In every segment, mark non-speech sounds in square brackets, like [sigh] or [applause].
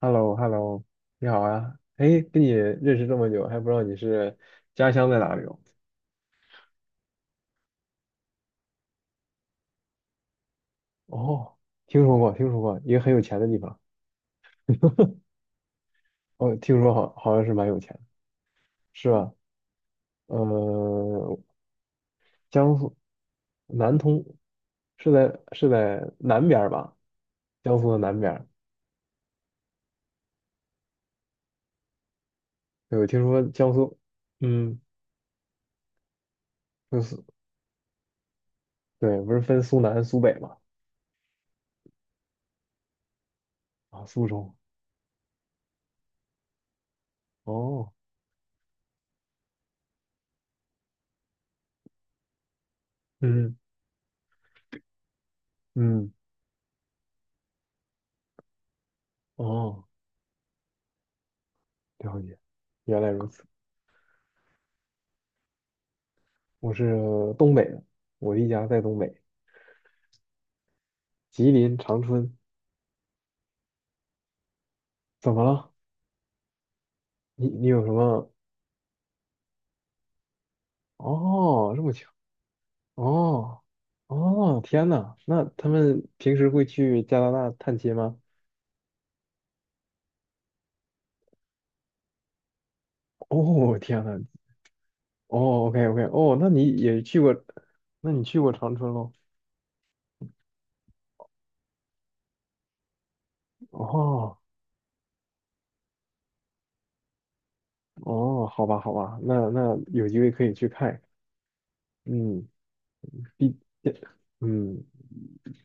h e l l o h e l l o 你好啊！哎，跟你认识这么久，还不知道你是家乡在哪里哦？哦，听说过，听说过，一个很有钱的地方。哦，听说好，好像是蛮有钱的是吧？呃，江苏南通是在南边儿吧？江苏的南边儿。对，我听说江苏，嗯，就是对，不是分苏南、苏北嘛？啊，苏州。哦，嗯嗯，哦，了解，原来如此。我是东北的，我一家在东北，吉林长春。怎么了？你有什么？哦，这么巧。哦哦，天呐，那他们平时会去加拿大探亲吗？哦，天呐，哦，OK OK，哦，那你也去过，那你去过长春喽？哦哦，好吧好吧，那有机会可以去看一看。嗯，比嗯，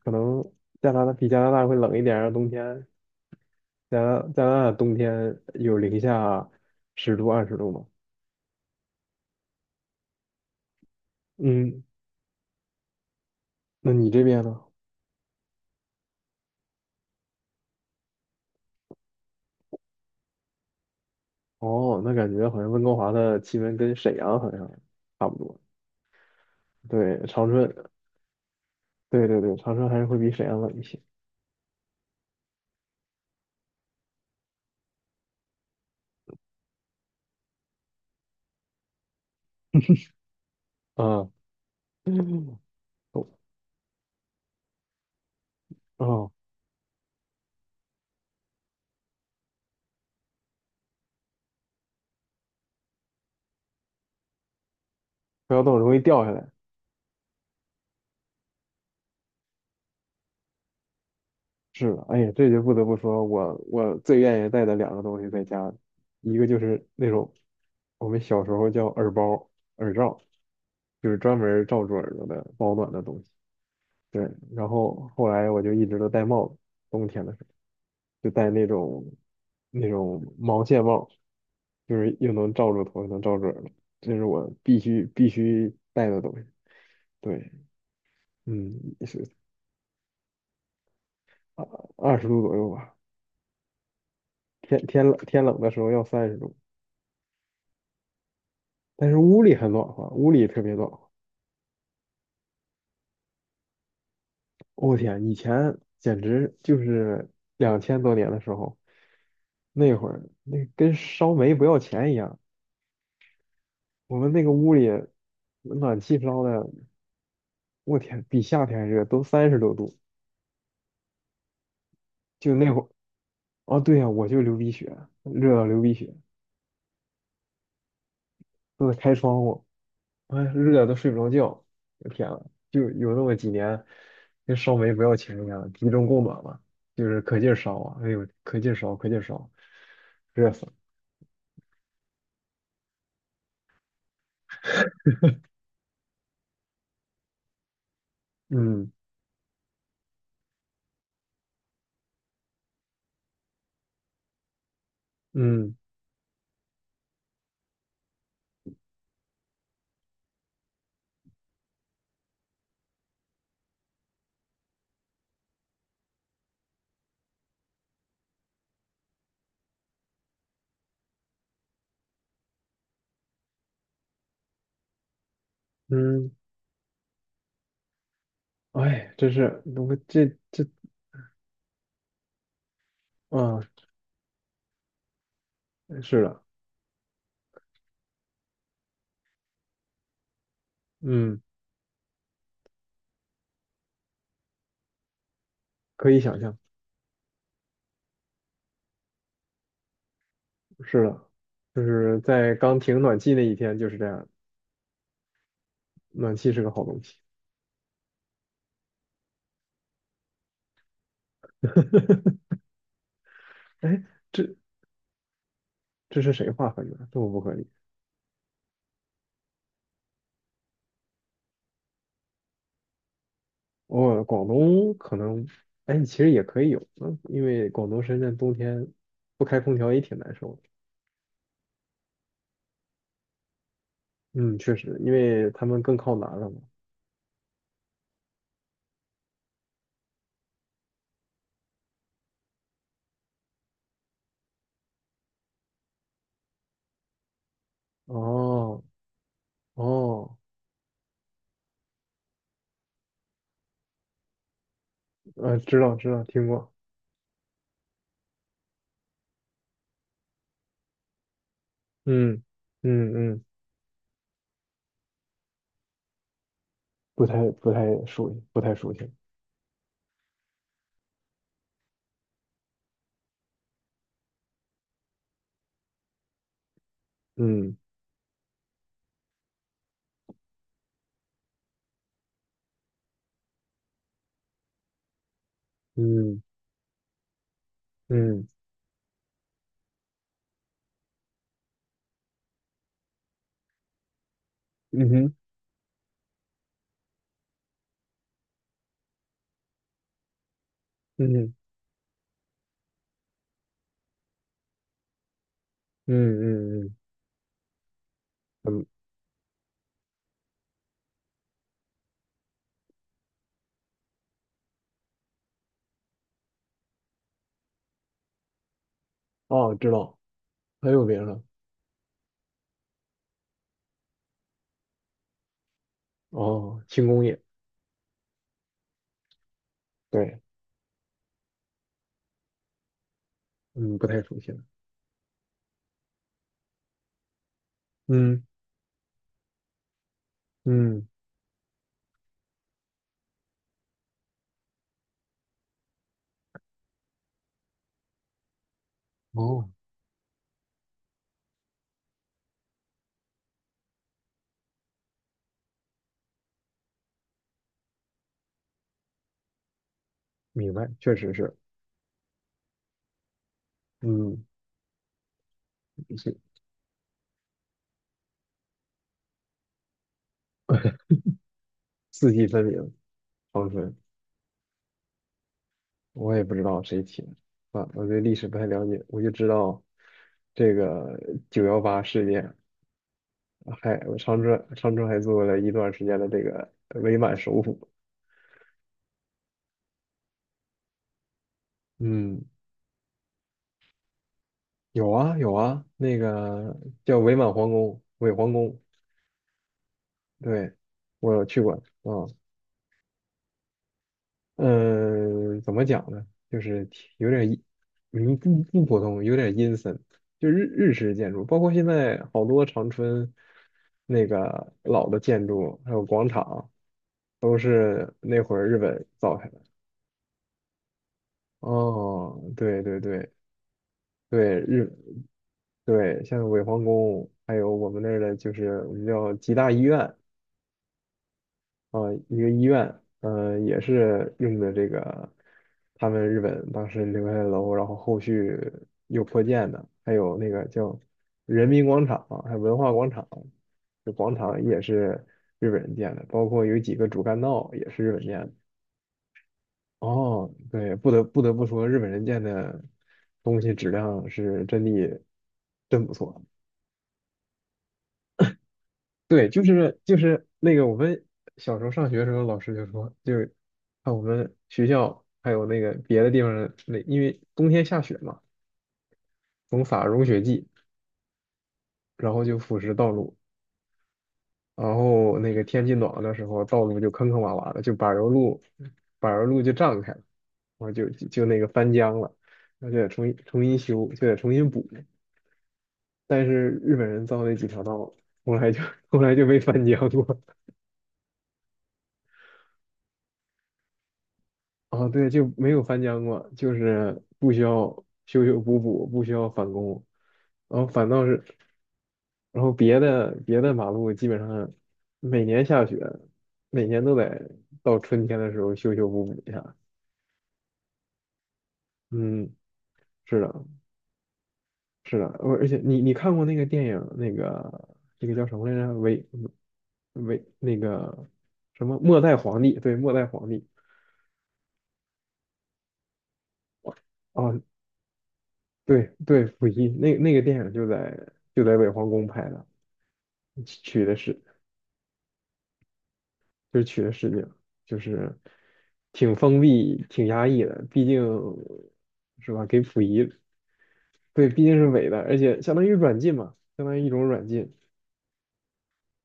可能加拿大会冷一点儿，冬天加拿大冬天有零下十度、二十度吗？嗯，那你这边呢？哦，那感觉好像温哥华的气温跟沈阳好像差不多。对，长春，对对对，长春还是会比沈阳冷一些。啊，嗯，哦，哦不要动，容易掉下来。是的，哎呀，这就不得不说，我最愿意带的两个东西在家，一个就是那种我们小时候叫耳包、耳罩，就是专门罩住耳朵的保暖的东西。对，然后后来我就一直都戴帽子，冬天的时候就戴那种那种毛线帽，就是又能罩住头，又能罩住耳朵，这是我必须必须戴的东西。对，嗯，是二二十度左右吧，天冷的时候要30度，但是屋里很暖和，屋里特别暖和。我天，以前简直就是2000多年的时候，那会儿那跟烧煤不要钱一样，我们那个屋里。暖气烧的我天，比夏天还热，都30多度。就那会儿，哦，对呀、我就流鼻血，热到流鼻血，都得开窗户，哎，热的都睡不着觉。我天呐，就有那么几年，跟烧煤不要钱一样，集中供暖嘛，就是可劲儿烧啊，哎呦，可劲儿烧，可劲儿烧，热死了。嗯嗯嗯，哎，真是，我这啊，是的，嗯，可以想象，是的，就是在刚停暖气那一天就是这样，暖气是个好东西。哎，这这是谁划分的？这么不合理？哦，广东可能，哎，其实也可以有，嗯，因为广东、深圳冬天不开空调也挺难受的。嗯，确实，因为他们更靠南了嘛。哦哦，知道知道，听过。嗯嗯嗯，不太熟悉，不太熟悉。嗯嗯嗯嗯哼嗯嗯嗯嗯嗯，哦，知道，还有名的？哦，轻工业。对，嗯，不太熟悉了。嗯。嗯，哦，明白，确实是，嗯，是四季分明，长春，我也不知道谁起的，啊，我对历史不太了解，我就知道这个9·18事件，还长春还做了一段时间的这个伪满首府，嗯，有啊有啊，那个叫伪满皇宫，伪皇宫，对，我有去过，啊，嗯，怎么讲呢？就是挺有点阴，嗯，不普通，有点阴森。就日式建筑，包括现在好多长春那个老的建筑，还有广场，都是那会儿日本造下来的。哦，对对对对，日对，像伪皇宫，还有我们那儿的，就是我们叫吉大医院，啊，一个医院，嗯，也是用的这个他们日本当时留下的楼，然后后续又扩建的，还有那个叫人民广场，还有文化广场，这广场也是日本人建的，包括有几个主干道也是日本建的。哦，对，不得不说，日本人建的东西质量是真的真不错。对，就是那个我们小时候上学的时候，老师就说，就是看我们学校还有那个别的地方的那因为冬天下雪嘛，总撒融雪剂，然后就腐蚀道路，然后那个天气暖和的时候，道路就坑坑洼洼的，就柏油路，柏油路就胀开了，然后就就那个翻浆了，那就得重新修，就得重新补。但是日本人造那几条道，后来就 [laughs] 后来就没翻浆过，啊，对，就没有翻江过，就是不需要修修补补，不需要返工，然后反倒是，然后别的马路基本上每年下雪，每年都得到春天的时候修修补补一下。嗯，是的，是的，而且你看过那个电影，那个这个叫什么来着？那个什么末代皇帝？对，末代皇帝。哦，对对，溥仪那个电影就在伪皇宫拍的。取的是就是取的视角，就是挺封闭、挺压抑的，毕竟是吧？给溥仪，对，毕竟是伪的，而且相当于软禁嘛，相当于一种软禁，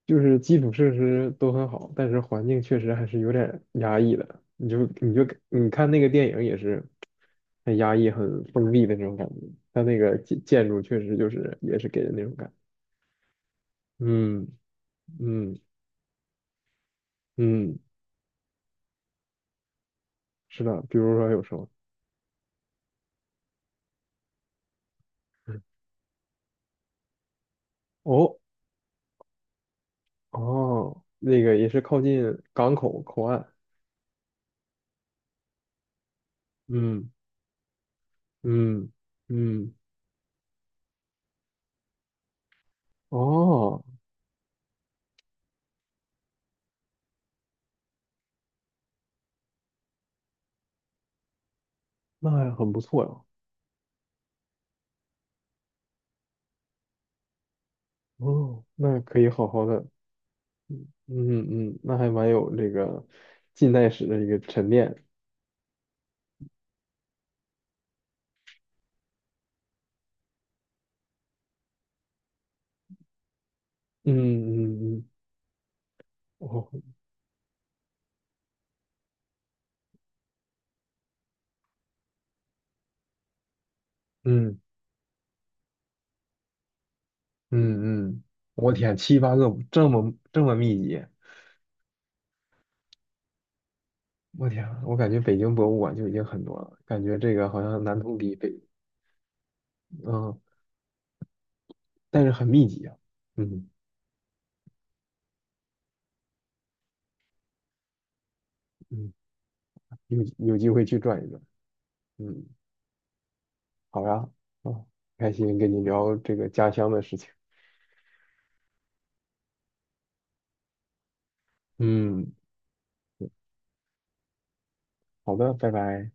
就是基础设施都很好，但是环境确实还是有点压抑的。你就你看那个电影也是很压抑、很封闭的那种感觉，它那个建筑确实就是也是给人那种感觉。嗯嗯嗯，是的，比如说有什么？[laughs] 哦，哦，那个也是靠近港口口岸，嗯嗯嗯，哦，那还很不错呀，哦，那可以好好的，嗯嗯，那还蛮有这个近代史的一个沉淀，嗯嗯嗯，哦，嗯嗯嗯，我天，七八个这么这么密集，我天，我感觉北京博物馆就已经很多了，感觉这个好像南通比北，嗯，但是很密集啊，嗯嗯，有机会去转一转。嗯。好呀，嗯，开心跟你聊这个家乡的事情。嗯，好的，拜拜。